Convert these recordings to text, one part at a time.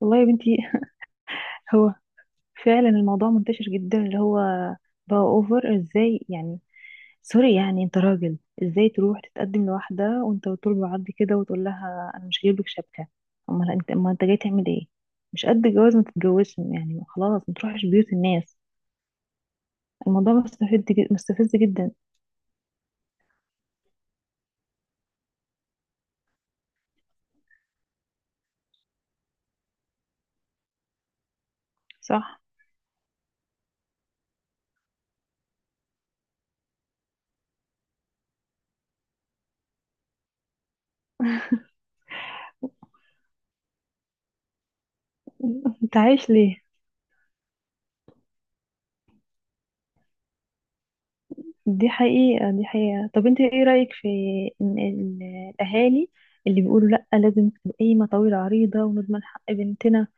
والله يا بنتي، هو فعلا الموضوع منتشر جدا. اللي هو بقى اوفر ازاي يعني؟ سوري يعني انت راجل، ازاي تروح تتقدم لواحدة وانت طول بعض كده وتقول لها انا مش جايب لك شبكة؟ امال انت، امال انت جاي تعمل ايه؟ مش قد الجواز ما تتجوزش يعني، خلاص ما تروحش بيوت الناس. الموضوع مستفز، جد مستفز جدا. صح. انت عايش ليه؟ دي حقيقة، دي حقيقة. طب انت ايه رأيك في ان ال- الاهالي اللي بيقولوا لا لازم تبقى قايمة طويلة عريضة ونضمن حق بنتنا،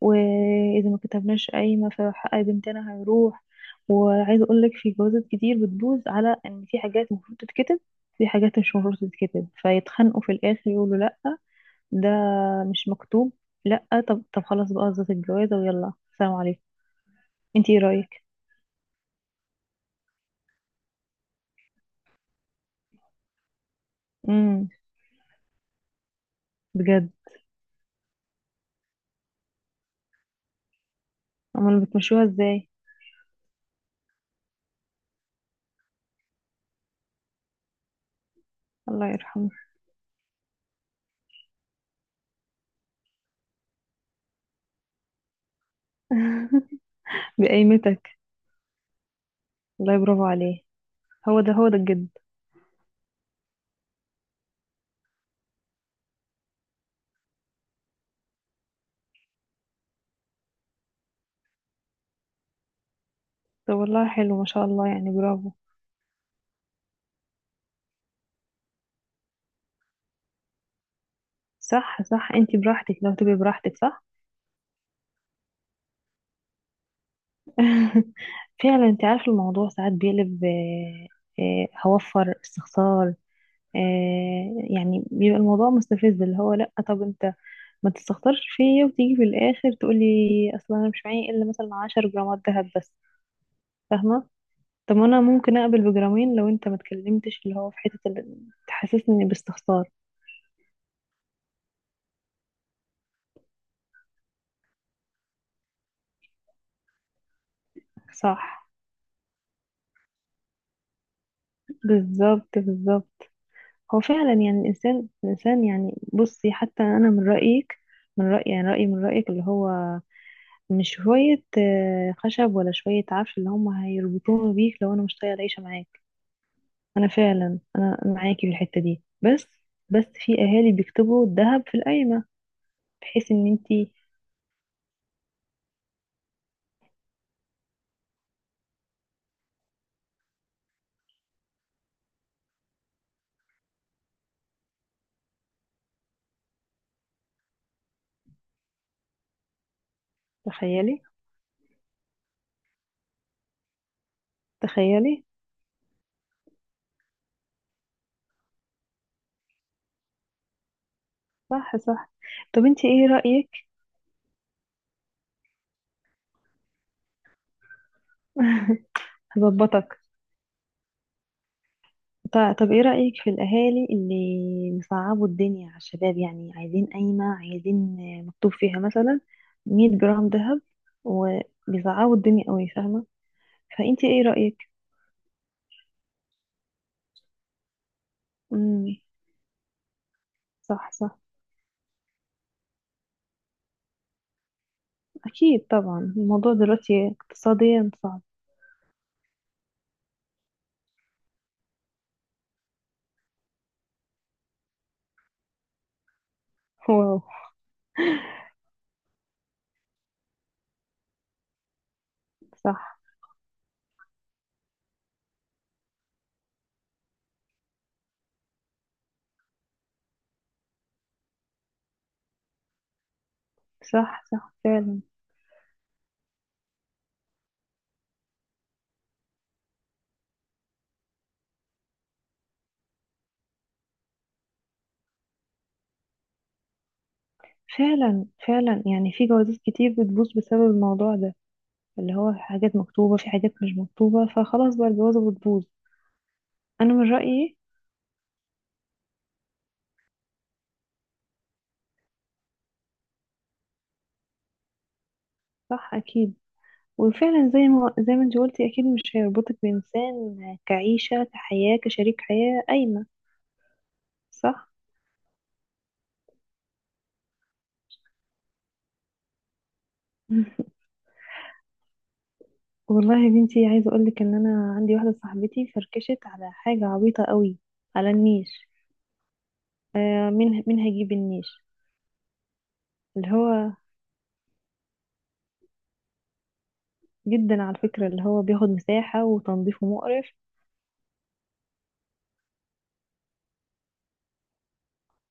واذا ما كتبناش قايمة فحق بنتنا هيروح؟ وعايزة اقول لك في جوازات كتير بتبوظ على ان في حاجات المفروض تتكتب، في حاجات مش المفروض تتكتب، فيتخانقوا في الاخر يقولوا لا، ده مش مكتوب. لا، طب طب خلاص بقى قصة الجوازة ويلا، سلام عليكم. انت ايه رأيك؟ امم بجد؟ امال بتمشوها ازاي؟ الله يرحمه. بقيمتك. والله برافو عليه، هو ده هو ده الجد. طب والله حلو ما شاء الله يعني، برافو. صح صح، انت براحتك، لو تبقي براحتك، صح. فعلا. انت عارف الموضوع ساعات بيقلب، هوفر استخسار. آه، يعني بيبقى الموضوع مستفز، اللي هو لا طب انت ما تستخسرش فيا وتيجي في الاخر تقولي اصلا انا مش معايا الا مثلا 10 جرامات دهب بس، فاهمه؟ طب انا ممكن اقبل بجرامين لو انت ما اتكلمتش، اللي هو في حته اللي تحسسني باستخسار. صح، بالظبط بالظبط. هو فعلا يعني الإنسان الإنسان، يعني بصي حتى أنا من رأيك، من رأيي، يعني رأيي من رأيك، اللي هو مش شوية آه، خشب ولا شوية عفش اللي هم هيربطوني بيك لو أنا مش طايقة العيشة معاك. أنا فعلا أنا معاكي في الحتة دي، بس بس في أهالي بيكتبوا الذهب في القايمة بحيث إن أنتي… تخيلي، تخيلي. صح صح. طب أنتي إيه رأيك؟ هظبطك. طب ايه رأيك في الأهالي اللي مصعبوا الدنيا على الشباب؟ يعني عايزين قايمة، عايزين آه، مكتوب فيها مثلا 100 جرام ذهب، وبيصعبوا الدنيا قوي، فاهمة؟ فانتي ايه رأيك؟ امم صح صح. أكيد طبعا الموضوع دلوقتي اقتصاديا صعب. واو. صح صح. صح فعلا. فعلا فعلا يعني في جوازات كتير بتبوظ بسبب الموضوع ده، اللي هو في حاجات مكتوبة، في حاجات مش مكتوبة، فخلاص بقى الجوازة بتبوظ. أنا من رأيي. صح أكيد. وفعلا زي ما زي ما انت قلتي، اكيد مش هيربطك بانسان كعيشه كحياه كشريك حياه قايمه. صح. والله يا بنتي، عايزه اقول لك ان انا عندي واحده صاحبتي فركشت على حاجه عبيطه قوي، على النيش. آه مين مين هيجيب النيش؟ اللي هو جدا على فكره، اللي هو بياخد مساحه وتنظيفه مقرف.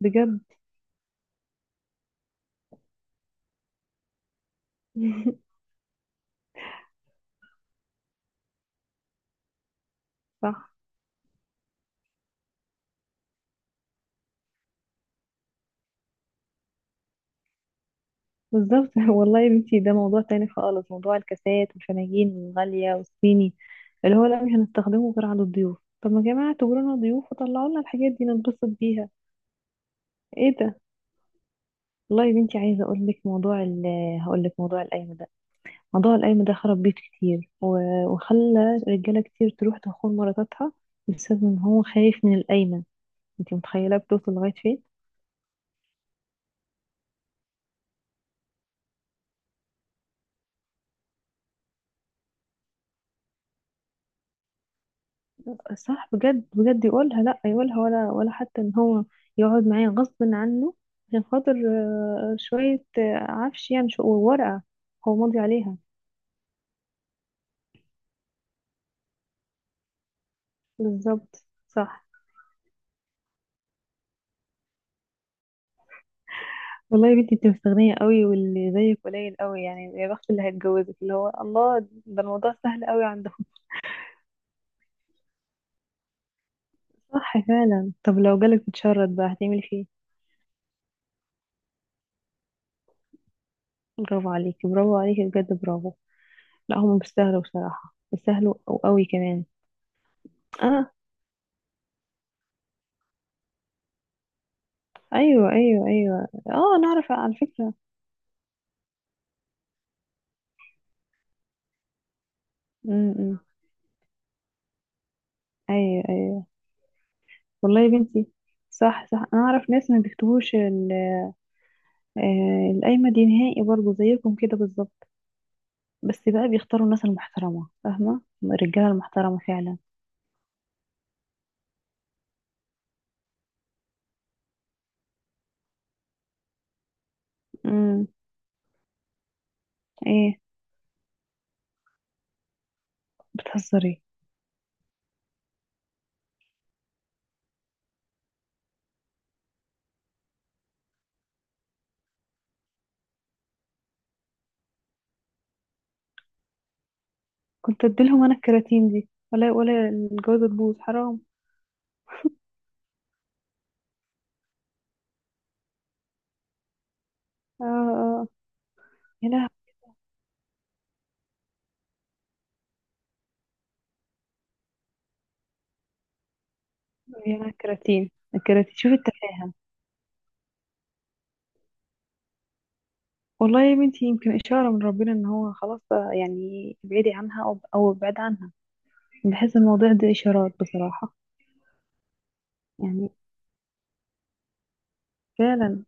بجد. صح، بالظبط. والله يا بنتي، ده موضوع تاني خالص، موضوع الكاسات والفناجين الغالية والصيني، اللي هو لا مش هنستخدمه غير على الضيوف. طب ما يا جماعة اعتبرونا ضيوف وطلعوا لنا الحاجات دي ننبسط بيها. ايه ده؟ والله يا بنتي عايزة اقول لك موضوع ال هقول لك موضوع القايمة ده. موضوع القايمة ده خرب بيت كتير، وخلى رجالة كتير تروح تخون مراتاتها بسبب ان هو خايف من القايمة. انت متخيلة بتوصل لغاية فين؟ صح بجد، بجد يقولها لا، يقولها ولا ولا حتى ان هو يقعد معايا غصب عنه عشان خاطر آه، شوية آه، عفش، يعني شو ورقة هو ماضي عليها. بالظبط، صح. والله يا بنتي، انت مستغنية قوي، واللي زيك قليل قوي يعني. يا بخت اللي هيتجوزك، اللي هو الله، ده الموضوع سهل قوي عندهم. صح فعلا. طب لو جالك متشرد بقى هتعملي فيه؟ برافو عليكي، برافو عليكي، بجد برافو. لا هم بيستاهلوا بصراحة، بيستاهلوا قوي كمان. اه ايوه ايوه ايوه، اه انا اعرف على فكره. امم، إمم. ايوه ايوه. والله يا بنتي. صح صح، انا اعرف ناس ما بيكتبوش آه، القايمه دي نهائي، برضه زيكم كده بالظبط، بس بقى بيختاروا الناس المحترمه، فاهمه، الرجاله المحترمه فعلا. امم. ايه؟ بتهزري؟ كنت اديلهم انا الكراتين دي ولا ولا الجوازه تبوظ، حرام. اه اه آه. يا لهوي، يا الكراتين، الكراتين، شوفي التفاهه. والله يا بنتي يمكن إشارة من ربنا إن هو خلاص بقى، يعني ابعدي عنها أو ابعد عنها. بحس الموضوع ده إشارات بصراحة. يعني فعلا.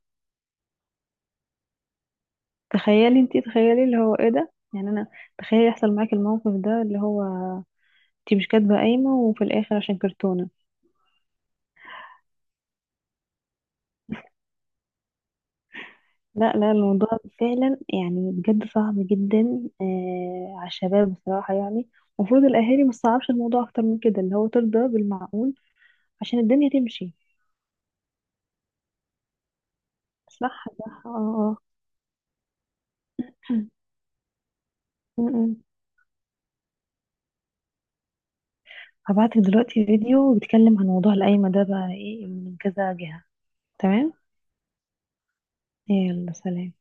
تخيلي انتي، تخيلي اللي هو إيه ده، يعني أنا تخيلي يحصل معاكي الموقف ده، اللي هو انتي مش كاتبة قايمة وفي الآخر عشان كرتونة. لا، الموضوع فعلا يعني بجد صعب جدا آه على الشباب بصراحة يعني. المفروض الأهالي ما تصعبش الموضوع أكتر من كده، اللي هو ترضى بالمعقول عشان الدنيا تمشي. صح صح اه. آه. هبعتلك دلوقتي فيديو بيتكلم عن موضوع القايمة ده بقى ايه من كذا جهة. تمام، يلا سلام.